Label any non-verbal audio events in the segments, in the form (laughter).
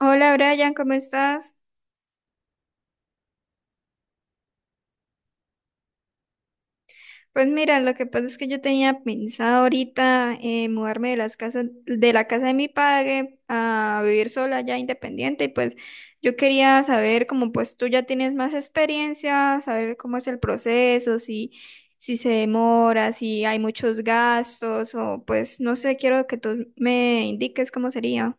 Hola Brian, ¿cómo estás? Pues mira, lo que pasa es que yo tenía pensado ahorita mudarme de la casa de mi padre a vivir sola ya independiente, y pues yo quería saber, como pues tú ya tienes más experiencia, saber cómo es el proceso, si se demora, si hay muchos gastos o pues no sé, quiero que tú me indiques cómo sería.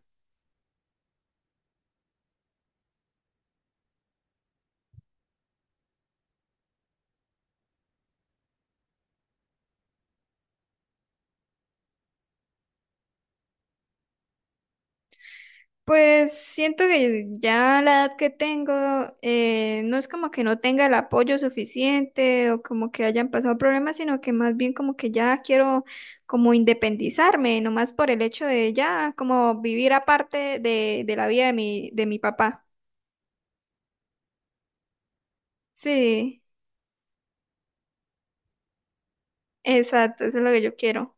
Pues siento que ya a la edad que tengo, no es como que no tenga el apoyo suficiente o como que hayan pasado problemas, sino que más bien como que ya quiero como independizarme, nomás por el hecho de ya como vivir aparte de la vida de mi papá. Sí, exacto, eso es lo que yo quiero.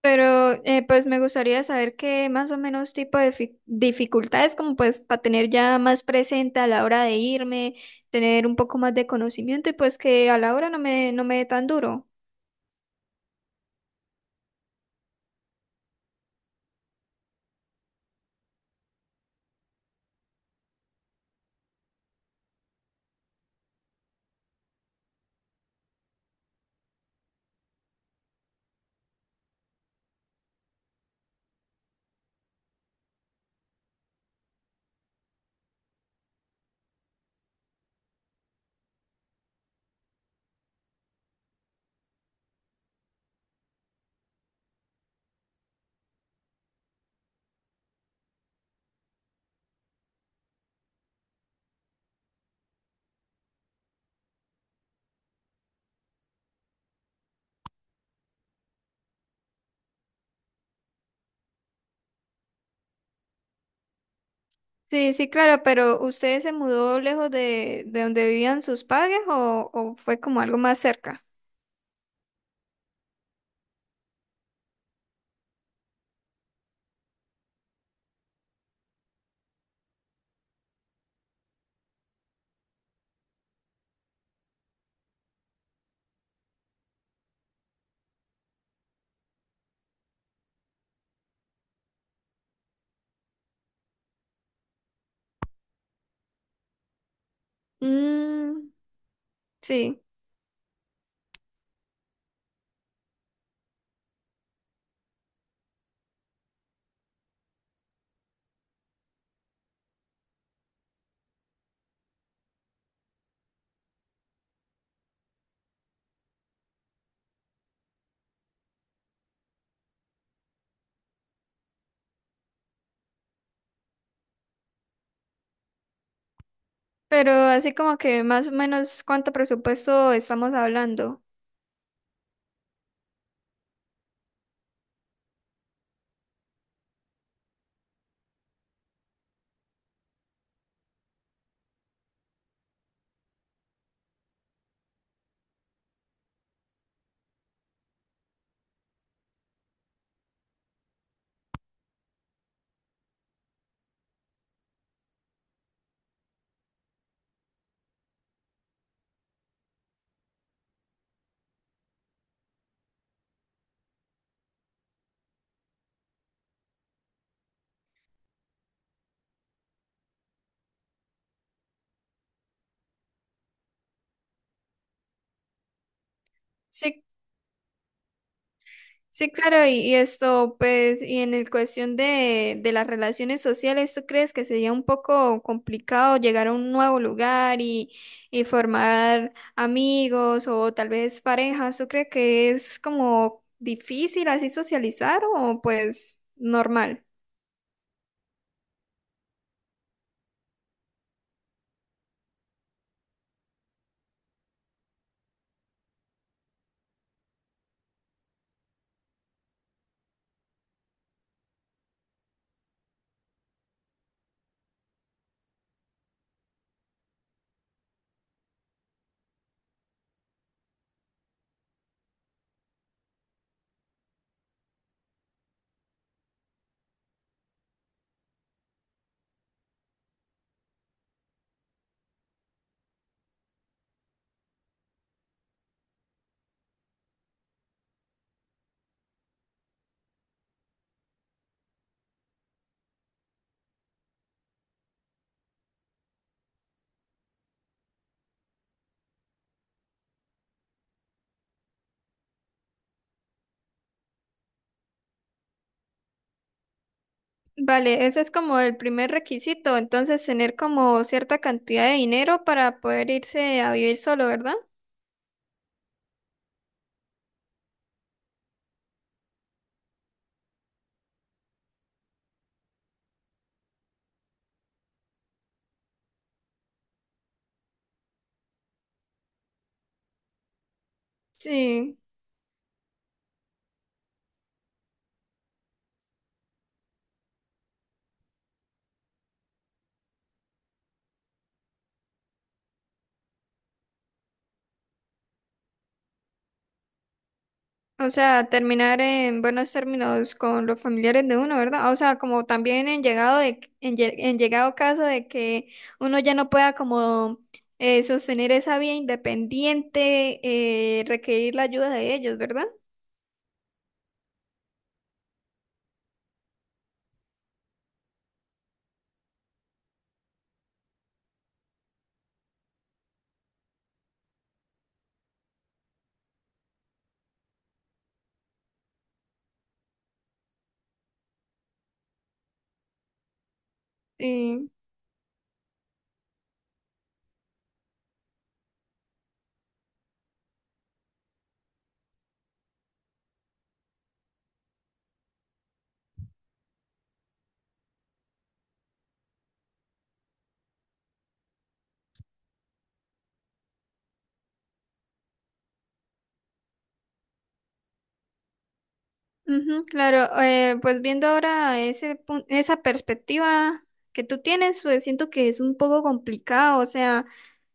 Pero pues me gustaría saber qué más o menos tipo de dificultades, como pues para tener ya más presente a la hora de irme, tener un poco más de conocimiento y pues que a la hora no me dé tan duro. Sí, sí, claro, pero ¿usted se mudó lejos de donde vivían sus padres o fue como algo más cerca? Mm, sí. Pero así como que más o menos cuánto presupuesto estamos hablando. Sí, sí, claro, y esto, pues, y en el cuestión de las relaciones sociales, ¿tú crees que sería un poco complicado llegar a un nuevo lugar y formar amigos o tal vez parejas? ¿Tú crees que es como difícil así socializar o pues normal? Vale, ese es como el primer requisito, entonces tener como cierta cantidad de dinero para poder irse a vivir solo, ¿verdad? Sí. O sea, terminar en buenos términos con los familiares de uno, ¿verdad? Ah, o sea, como también en llegado en, en llegado caso de que uno ya no pueda como sostener esa vía independiente, requerir la ayuda de ellos, ¿verdad? Sí. Ujú, claro, pues viendo ahora esa perspectiva que tú tienes, pues siento que es un poco complicado, o sea,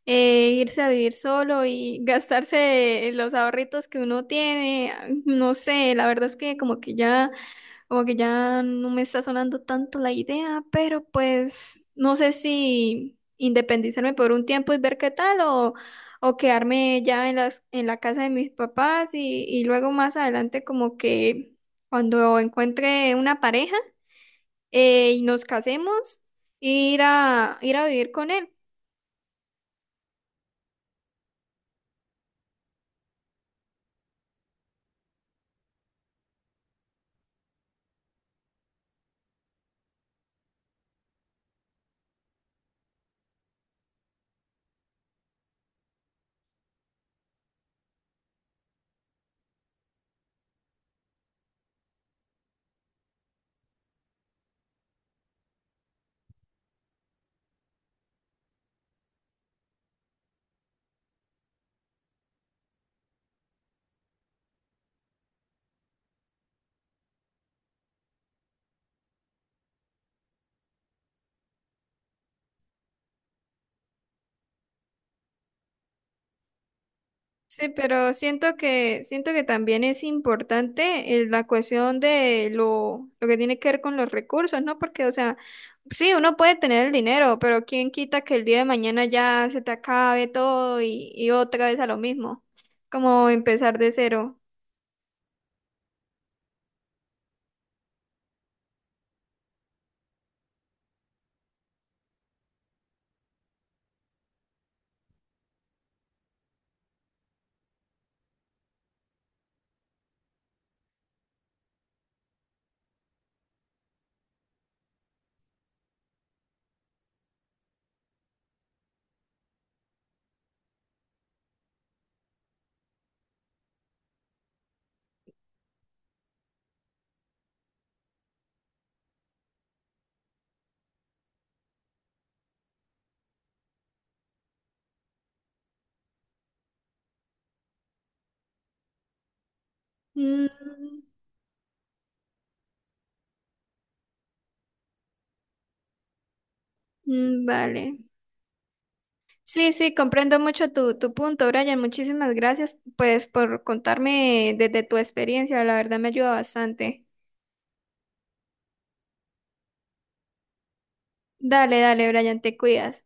irse a vivir solo y (laughs) gastarse los ahorritos que uno tiene, no sé, la verdad es que como que ya no me está sonando tanto la idea, pero pues no sé si independizarme por un tiempo y ver qué tal o quedarme ya en la casa de mis papás y luego más adelante como que cuando encuentre una pareja y nos casemos, ir a vivir con él. Sí, pero siento que también es importante la cuestión de lo que tiene que ver con los recursos, ¿no? Porque, o sea, sí, uno puede tener el dinero, pero quién quita que el día de mañana ya se te acabe todo y otra vez a lo mismo, como empezar de cero. Mm, vale. Sí, sí, comprendo mucho tu, tu punto, Brian. Muchísimas gracias, pues, por contarme desde tu experiencia. La verdad me ayuda bastante. Dale, dale, Brian, te cuidas.